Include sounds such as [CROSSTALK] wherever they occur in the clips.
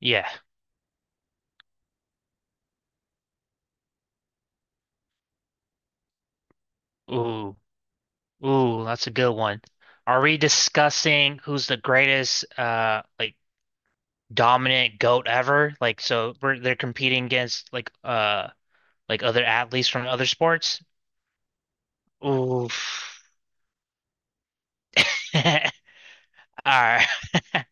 Yeah. Ooh, ooh, that's a good one. Are we discussing who's the greatest, like dominant goat ever? Like, so we're they're competing against like like other athletes from other sports. Oof. [LAUGHS] All right, [LAUGHS] all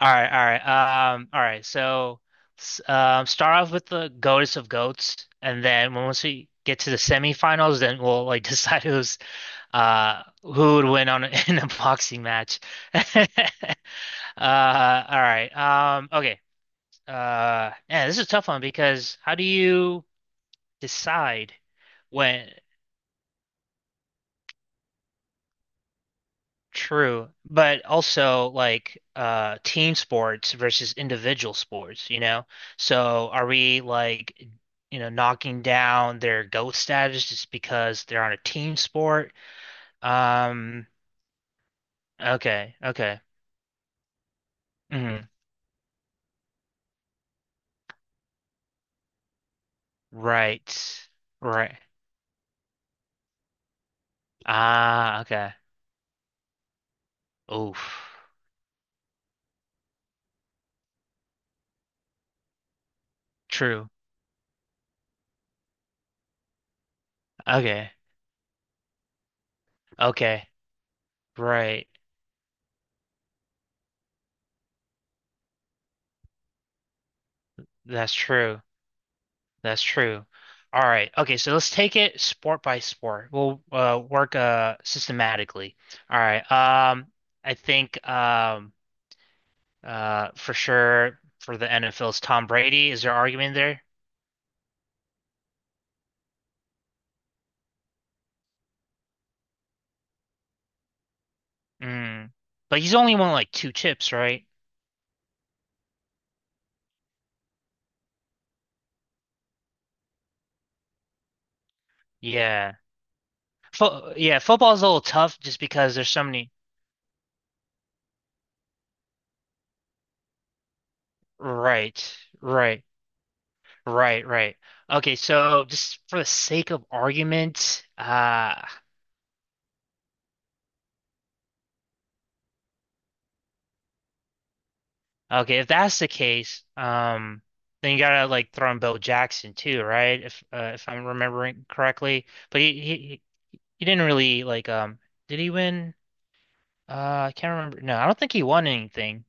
right, all right. All right. So, start off with the goatess of goats, and then once we get to the semifinals, then we'll like [LAUGHS] decide who's who would win on [LAUGHS] in a boxing match? [LAUGHS] All right. Okay. Yeah, this is a tough one because how do you decide when true, but also like team sports versus individual sports, you know? So are we like knocking down their GOAT status just because they're on a team sport? Um, okay, okay. Mhm. Right. Right. Ah, okay. Oof. True. Okay. Okay. Right. That's true. That's true. All right. Okay, so let's take it sport by sport. We'll work systematically. All right. I think for sure for the NFL's Tom Brady, is there argument there? Mm. But he's only won like two chips, right? Yeah. Fo yeah, football's a little tough just because there's so many. Right. Right. Right, right. Okay, so just for the sake of argument, okay, if that's the case, then you gotta like throw in Bill Jackson too, right? If I'm remembering correctly. But he didn't really like did he win? I can't remember. No, I don't think he won anything,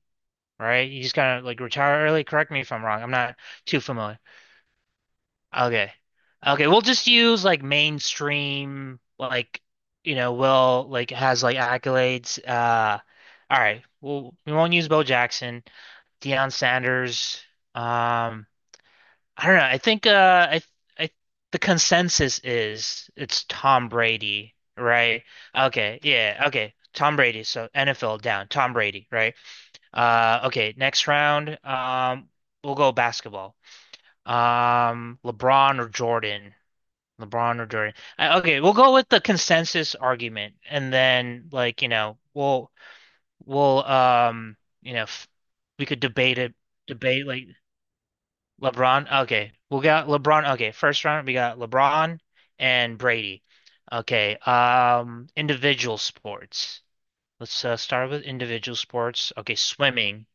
right? He just kind of like retired early. Correct me if I'm wrong. I'm not too familiar. Okay. Okay, we'll just use like mainstream like you know, Will like has like accolades. All right. Well, we won't use Bo Jackson, Deion Sanders. Um I don't know. I think I the consensus is it's Tom Brady, right? Okay. Yeah, okay. Tom Brady. So NFL down. Tom Brady, right? Okay, next round. We'll go basketball. Um, LeBron or Jordan? LeBron or Durant. Okay, we'll go with the consensus argument, and then like you know we'll you know f we could debate it, debate like LeBron. Okay, we'll got LeBron. Okay, first round we got LeBron and Brady. Okay, um, individual sports. Let's start with individual sports. Okay, swimming.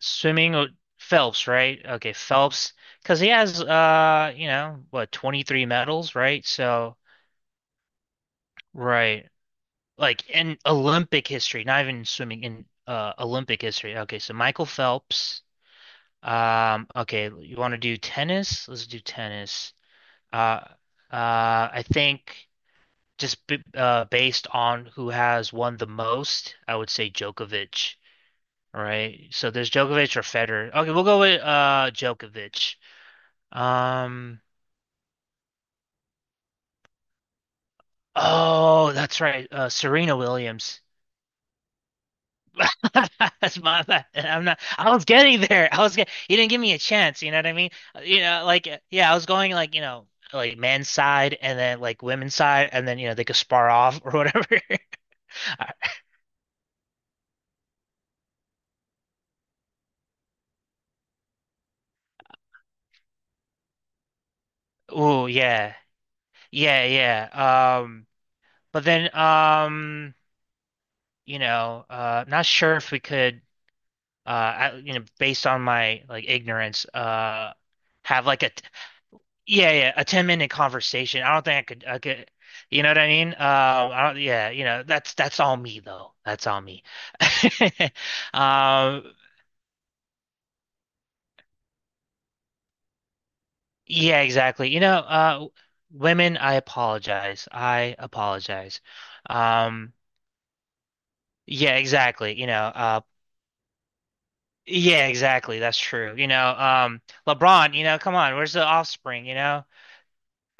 Swimming, uh, Phelps, right? Okay, Phelps, because he has you know what, 23 medals, right? So. Right. Like in Olympic history, not even swimming in Olympic history. Okay, so Michael Phelps. Okay, you want to do tennis? Let's do tennis. Uh, I think just b based on who has won the most, I would say Djokovic. All right, so there's Djokovic or Federer. Okay, we'll go with Djokovic. Um, oh, that's right. Serena Williams. [LAUGHS] That's my bad. I'm not. I was getting there. I was get. You didn't give me a chance. You know what I mean? You know, yeah, I was going like you know like men's side and then like women's side and then you know they could spar off or whatever. [LAUGHS] Oh yeah, yeah, yeah. But then you know, not sure if we could I, you know, based on my like ignorance, have like a yeah, a 10-minute conversation. I don't think I could, you know what I mean? I don't, yeah, you know, that's all me though. That's all me. [LAUGHS] Um, yeah, exactly. You know, women, I apologize. I apologize. Um, yeah, exactly. You know, yeah, exactly. That's true. You know, LeBron, you know, come on, where's the offspring, you know?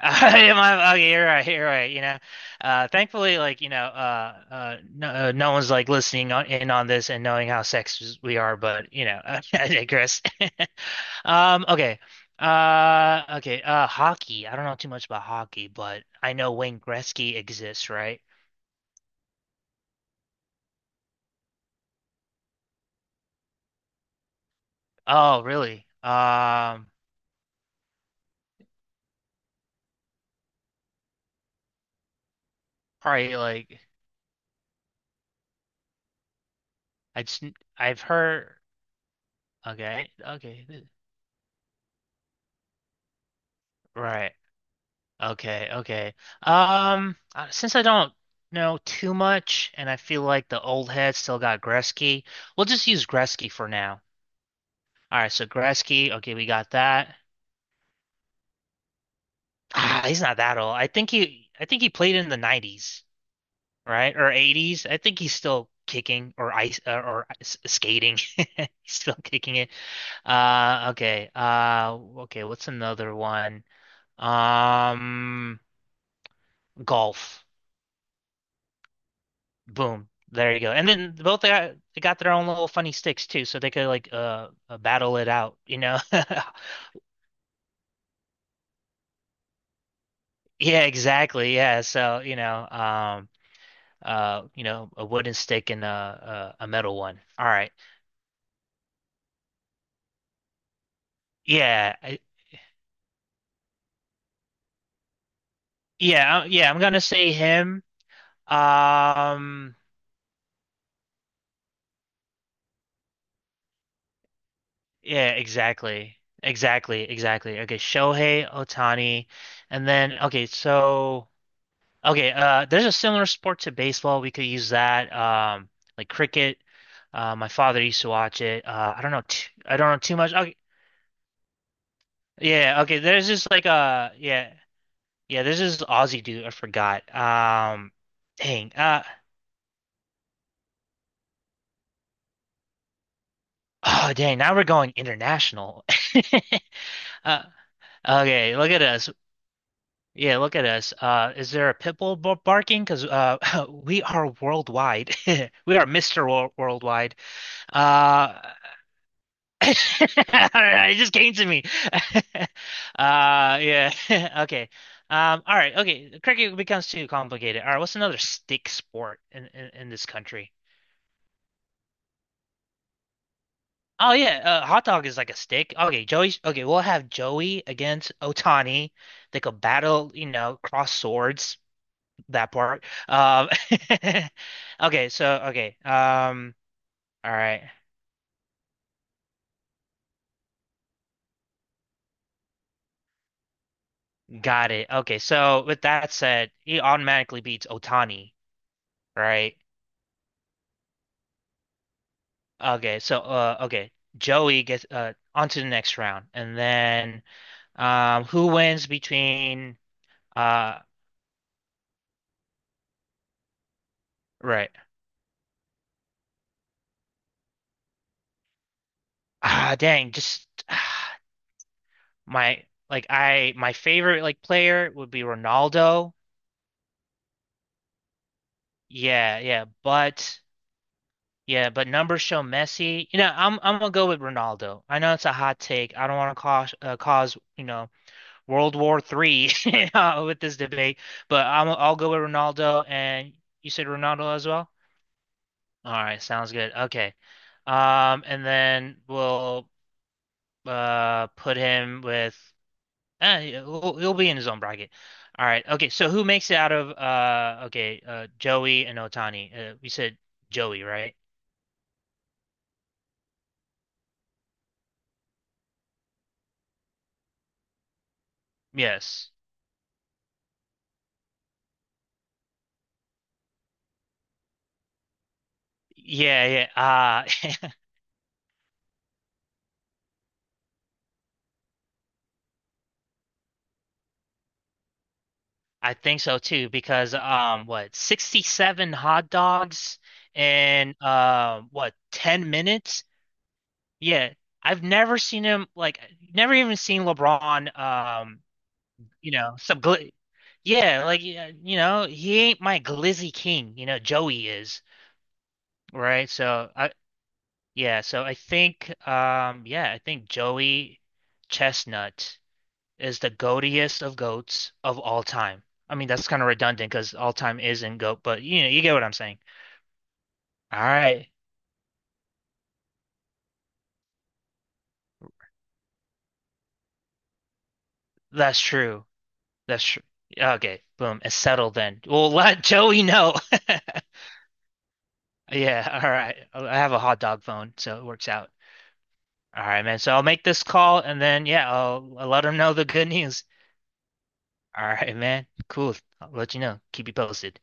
[LAUGHS] okay, you're right, you're right. You know, thankfully, like you know, no, no one's like listening on, in on this and knowing how sexist we are. But you know, [LAUGHS] I digress. [LAUGHS] Okay, okay, hockey. I don't know too much about hockey, but I know Wayne Gretzky exists, right? Oh, really? Probably like I just I've heard. Okay, okay, th- right. Okay, okay. Since I don't know too much, and I feel like the old head still got Gretzky, we'll just use Gretzky for now. All right, so Gretzky. Okay, we got that. Ah, he's not that old. I think he played in the '90s, right, or '80s. I think he's still kicking or skating. [LAUGHS] He's still kicking it. Okay. Okay. What's another one? Um, golf. Boom. There you go. And then both they got their own little funny sticks too, so they could like battle it out, you know. [LAUGHS] Yeah, exactly. Yeah. So, you know, a wooden stick and a metal one. All right. Yeah. Yeah, I'm gonna say him. Um yeah, exactly. Exactly, exactly. Okay, Shohei Otani. And then okay, so Okay, there's a similar sport to baseball. We could use that, like cricket. My father used to watch it. I don't know, t I don't know too much. Okay, yeah, okay. There's just like yeah, yeah. There's this Aussie dude. I forgot. Dang. [SIGHS] Oh, dang. Now we're going international. [LAUGHS] Uh, okay. Look at us. Yeah, look at us. Is there a pit bull barking? Because [LAUGHS] we are worldwide. [LAUGHS] We are Mr. Worldwide. Uh, [LAUGHS] I don't know, it just came to me. [LAUGHS] Yeah. [LAUGHS] Okay. All right. Okay. Cricket becomes too complicated. All right. What's another stick sport in this country? Oh yeah, hot dog is like a stick. Okay, Joey. Okay, we'll have Joey against Otani. They could battle, you know, cross swords. That part. [LAUGHS] Okay, so okay. All right, got it. Okay, so with that said, he automatically beats Otani, right? Okay, so okay. Joey gets on to the next round and then who wins between uh right. Ah dang, just [SIGHS] my like I my favorite like player would be Ronaldo. Yeah, yeah, but numbers show Messi. You know, I'm gonna go with Ronaldo. I know it's a hot take. I don't want to cause cause, you know, World War Three [LAUGHS] with this debate, but I'll go with Ronaldo, and you said Ronaldo as well? All right, sounds good. Okay. And then we'll put him with he'll be in his own bracket. All right. Okay, so who makes it out of okay, Joey and Otani. We said Joey, right? Yes. Yeah, yeah. [LAUGHS] I think so too because what, 67 hot dogs in what, 10 minutes? Yeah. I've never seen him like never even seen LeBron you know, some gl yeah, like yeah, you know, he ain't my glizzy king, you know, Joey is, right? So I yeah, so I think yeah, I think Joey Chestnut is the goatiest of goats of all time. I mean, that's kind of redundant because all time is in goat, but you know, you get what I'm saying. All right, that's true. That's true. Okay, boom, it's settled then. We'll [LAUGHS] let Joey know. [LAUGHS] Yeah, all right. I have a hot dog phone, so it works out. All right, man. So I'll make this call and then, yeah, I'll let them know the good news. All right, man. Cool. I'll let you know. Keep you posted.